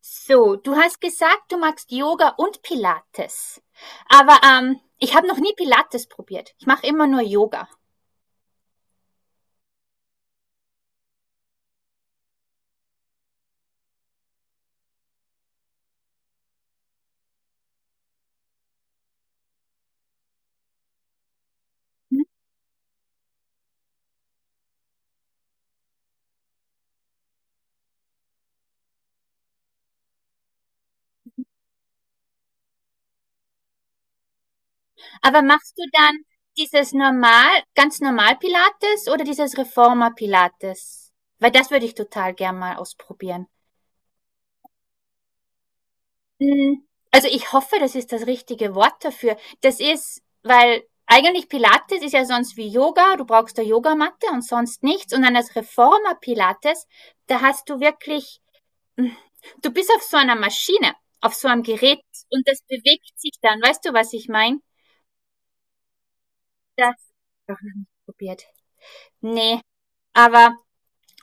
So, du hast gesagt, du magst Yoga und Pilates. Aber ich habe noch nie Pilates probiert. Ich mache immer nur Yoga. Hm? Aber machst du dann dieses normal, ganz normal Pilates oder dieses Reformer Pilates? Weil das würde ich total gern mal ausprobieren. Also ich hoffe, das ist das richtige Wort dafür. Das ist, weil eigentlich Pilates ist ja sonst wie Yoga, du brauchst eine Yogamatte und sonst nichts. Und dann das Reformer Pilates, da hast du wirklich. Du bist auf so einer Maschine, auf so einem Gerät, und das bewegt sich dann. Weißt du, was ich meine? Das doch noch nicht probiert. Nee, aber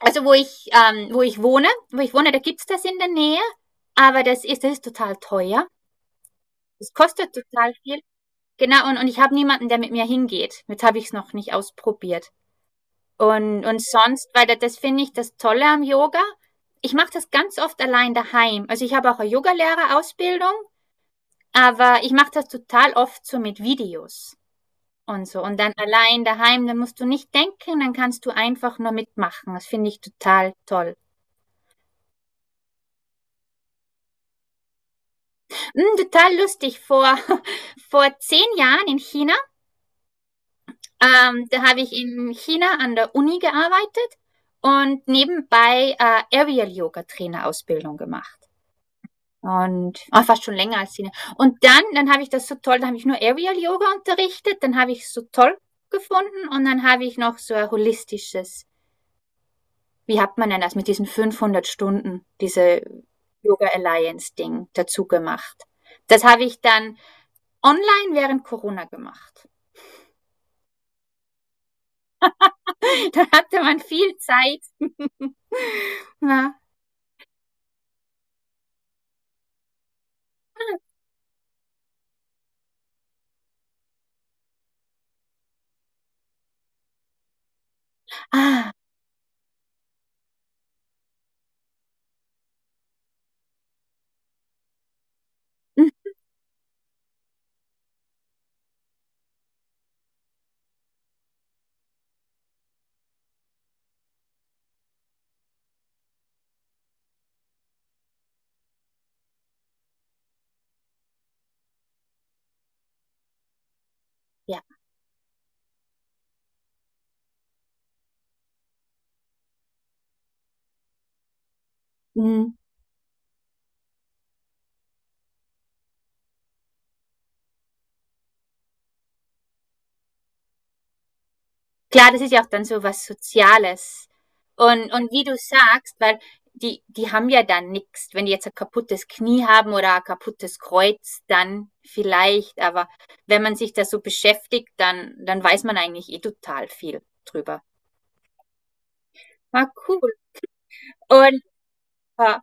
also wo ich wo ich wohne, da gibt's das in der Nähe, aber das ist total teuer. Das kostet total viel. Genau, und ich habe niemanden, der mit mir hingeht. Jetzt habe ich es noch nicht ausprobiert. Und sonst, weil das finde ich das Tolle am Yoga. Ich mache das ganz oft allein daheim. Also ich habe auch eine Yogalehrerausbildung. Aber ich mache das total oft so mit Videos und so. Und dann allein daheim, dann musst du nicht denken, dann kannst du einfach nur mitmachen. Das finde ich total toll. Total lustig. Vor 10 Jahren in China, da habe ich in China an der Uni gearbeitet und nebenbei Aerial Yoga Trainer Ausbildung gemacht. Und fast schon länger als Sina. Und dann habe ich das so toll, dann habe ich nur Aerial Yoga unterrichtet, dann habe ich es so toll gefunden, und dann habe ich noch so ein holistisches, wie hat man denn das mit diesen 500 Stunden, diese Yoga Alliance Ding dazu gemacht. Das habe ich dann online während Corona gemacht. Da hatte man viel Zeit. Ja. Ah, ja. Mhm. Klar, das ist ja auch dann so was Soziales. Und wie du sagst, weil die haben ja dann nichts. Wenn die jetzt ein kaputtes Knie haben oder ein kaputtes Kreuz, dann vielleicht, aber wenn man sich da so beschäftigt, dann weiß man eigentlich eh total viel drüber. Ah, cool. Und äh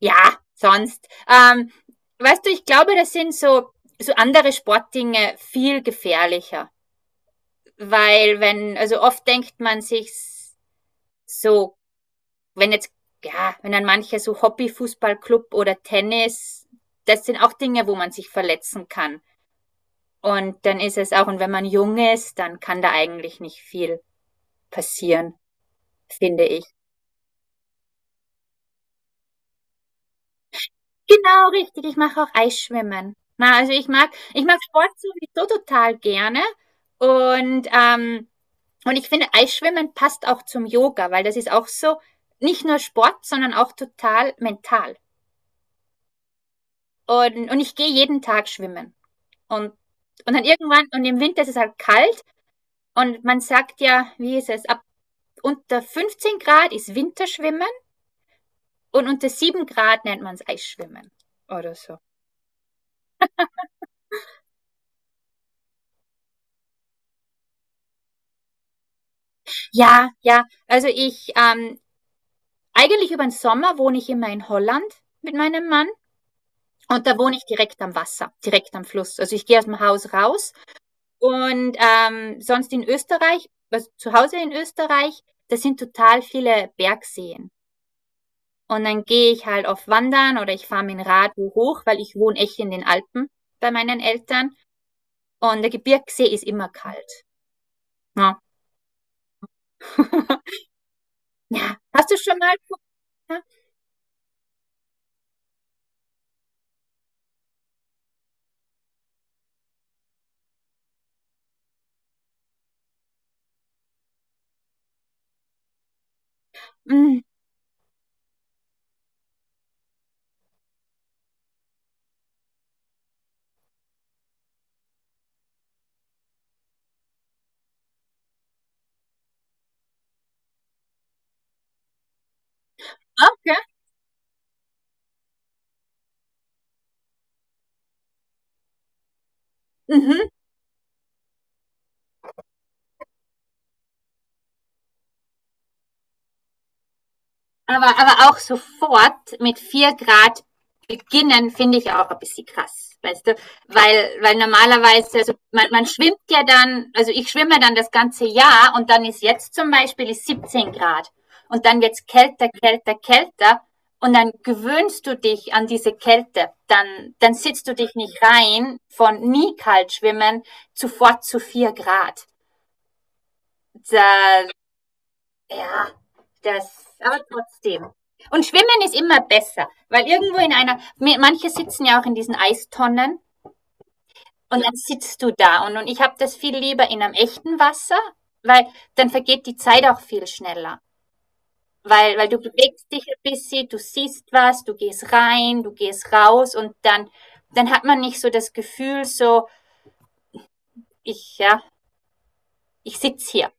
ja, sonst, weißt du, ich glaube, das sind so andere Sportdinge viel gefährlicher, weil wenn, also oft denkt man sich so, wenn jetzt, ja, wenn dann manche so Hobby-Fußballclub oder Tennis, das sind auch Dinge, wo man sich verletzen kann. Und dann ist es auch, und wenn man jung ist, dann kann da eigentlich nicht viel passieren, finde ich. Genau, richtig. Ich mache auch Eisschwimmen. Na, also ich mag Sport sowieso total gerne. Und, ähm, und ich finde, Eisschwimmen passt auch zum Yoga, weil das ist auch so, nicht nur Sport, sondern auch total mental. Und ich gehe jeden Tag schwimmen. Und, und dann irgendwann, und im Winter ist es halt kalt, und man sagt ja, wie ist es, ab unter 15 Grad ist Winterschwimmen und unter 7 Grad nennt man es Eisschwimmen oder so. Ja, ja, also ich, eigentlich über den Sommer wohne ich immer in Holland mit meinem Mann, und da wohne ich direkt am Wasser, direkt am Fluss. Also ich gehe aus dem Haus raus und sonst in Österreich, also zu Hause in Österreich, das sind total viele Bergseen. Und dann gehe ich halt auf Wandern oder ich fahre mit dem Rad hoch, weil ich wohne echt in den Alpen bei meinen Eltern. Und der Gebirgsee ist immer kalt. Ja. Ja. Hast du schon mal geguckt? Ja. Mhm. Okay. Mhm. Aber auch sofort mit 4 Grad beginnen, finde ich auch ein bisschen krass, weißt du? Weil normalerweise, also man schwimmt ja dann, also ich schwimme dann das ganze Jahr, und dann ist jetzt zum Beispiel ist 17 Grad, und dann wird's kälter, kälter, kälter, und dann gewöhnst du dich an diese Kälte. Dann sitzt du dich nicht rein, von nie kalt schwimmen sofort zu 4 Grad. Da, ja, das, aber trotzdem. Und Schwimmen ist immer besser, weil irgendwo in einer, manche sitzen ja auch in diesen Eistonnen und dann sitzt du da. Und ich habe das viel lieber in einem echten Wasser, weil dann vergeht die Zeit auch viel schneller. Weil du bewegst dich ein bisschen, du siehst was, du gehst rein, du gehst raus, und dann hat man nicht so das Gefühl, so, ich, ja, ich sitz hier.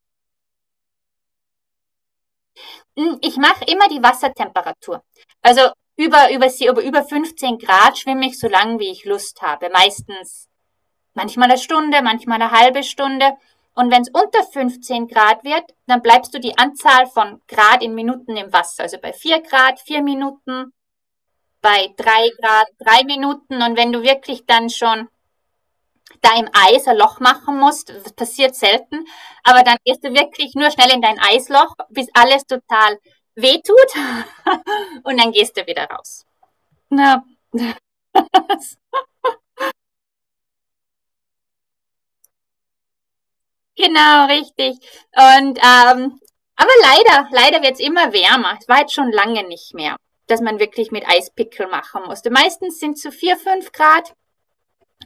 Ich mache immer die Wassertemperatur. Also über 15 Grad schwimme ich so lange, wie ich Lust habe. Meistens, manchmal eine Stunde, manchmal eine halbe Stunde. Und wenn es unter 15 Grad wird, dann bleibst du die Anzahl von Grad in Minuten im Wasser. Also bei 4 Grad, 4 Minuten, bei 3 Grad, 3 Minuten. Und wenn du wirklich dann schon da im Eis ein Loch machen musst. Das passiert selten. Aber dann gehst du wirklich nur schnell in dein Eisloch, bis alles total wehtut. Und dann gehst du wieder raus. Ja, genau, richtig. Und, aber leider, leider wird es immer wärmer. Es war jetzt schon lange nicht mehr, dass man wirklich mit Eispickel machen musste. Meistens sind es so 4, 5 Grad,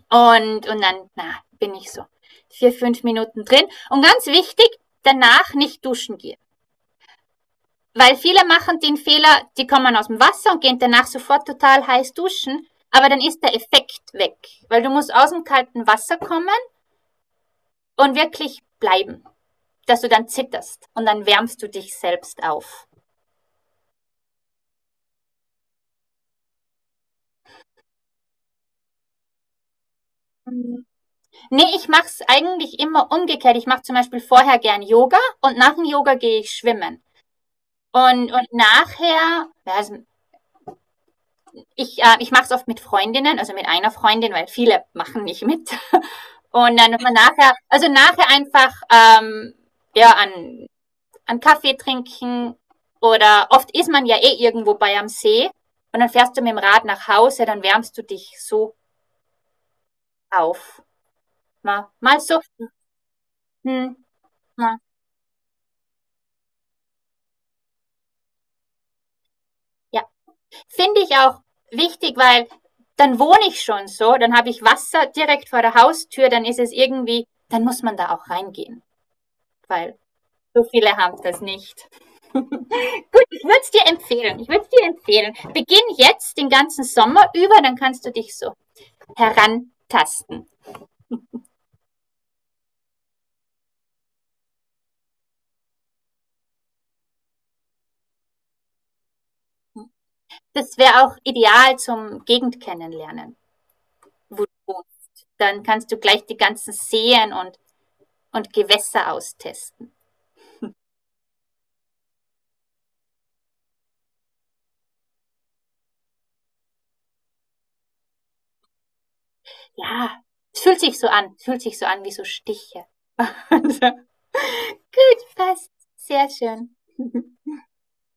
und dann, na, bin ich so 4, 5 Minuten drin. Und ganz wichtig, danach nicht duschen gehen. Weil viele machen den Fehler, die kommen aus dem Wasser und gehen danach sofort total heiß duschen, aber dann ist der Effekt weg, weil du musst aus dem kalten Wasser kommen und wirklich bleiben, dass du dann zitterst und dann wärmst du dich selbst auf. Mhm. Nee, ich mache es eigentlich immer umgekehrt. Ich mache zum Beispiel vorher gern Yoga und nach dem Yoga gehe ich schwimmen. Und nachher, ja, also ich mache es oft mit Freundinnen, also mit einer Freundin, weil viele machen nicht mit. Und dann wenn man nachher, also nachher einfach ja, an Kaffee trinken, oder oft ist man ja eh irgendwo bei am See, und dann fährst du mit dem Rad nach Hause, dann wärmst du dich so auf. Mal, mal so, hm, mal, ja. Finde ich auch wichtig, weil dann wohne ich schon so, dann habe ich Wasser direkt vor der Haustür, dann ist es irgendwie, dann muss man da auch reingehen, weil so viele haben das nicht. Gut, ich würde es dir empfehlen. Ich würde es dir empfehlen. Beginn jetzt den ganzen Sommer über, dann kannst du dich so herantasten. Das wäre auch ideal zum Gegend kennenlernen, wo du wohnst. Dann kannst du gleich die ganzen Seen und, Gewässer austesten. Ja, es fühlt sich so an. Es fühlt sich so an wie so Stiche. Gut, passt. Sehr schön.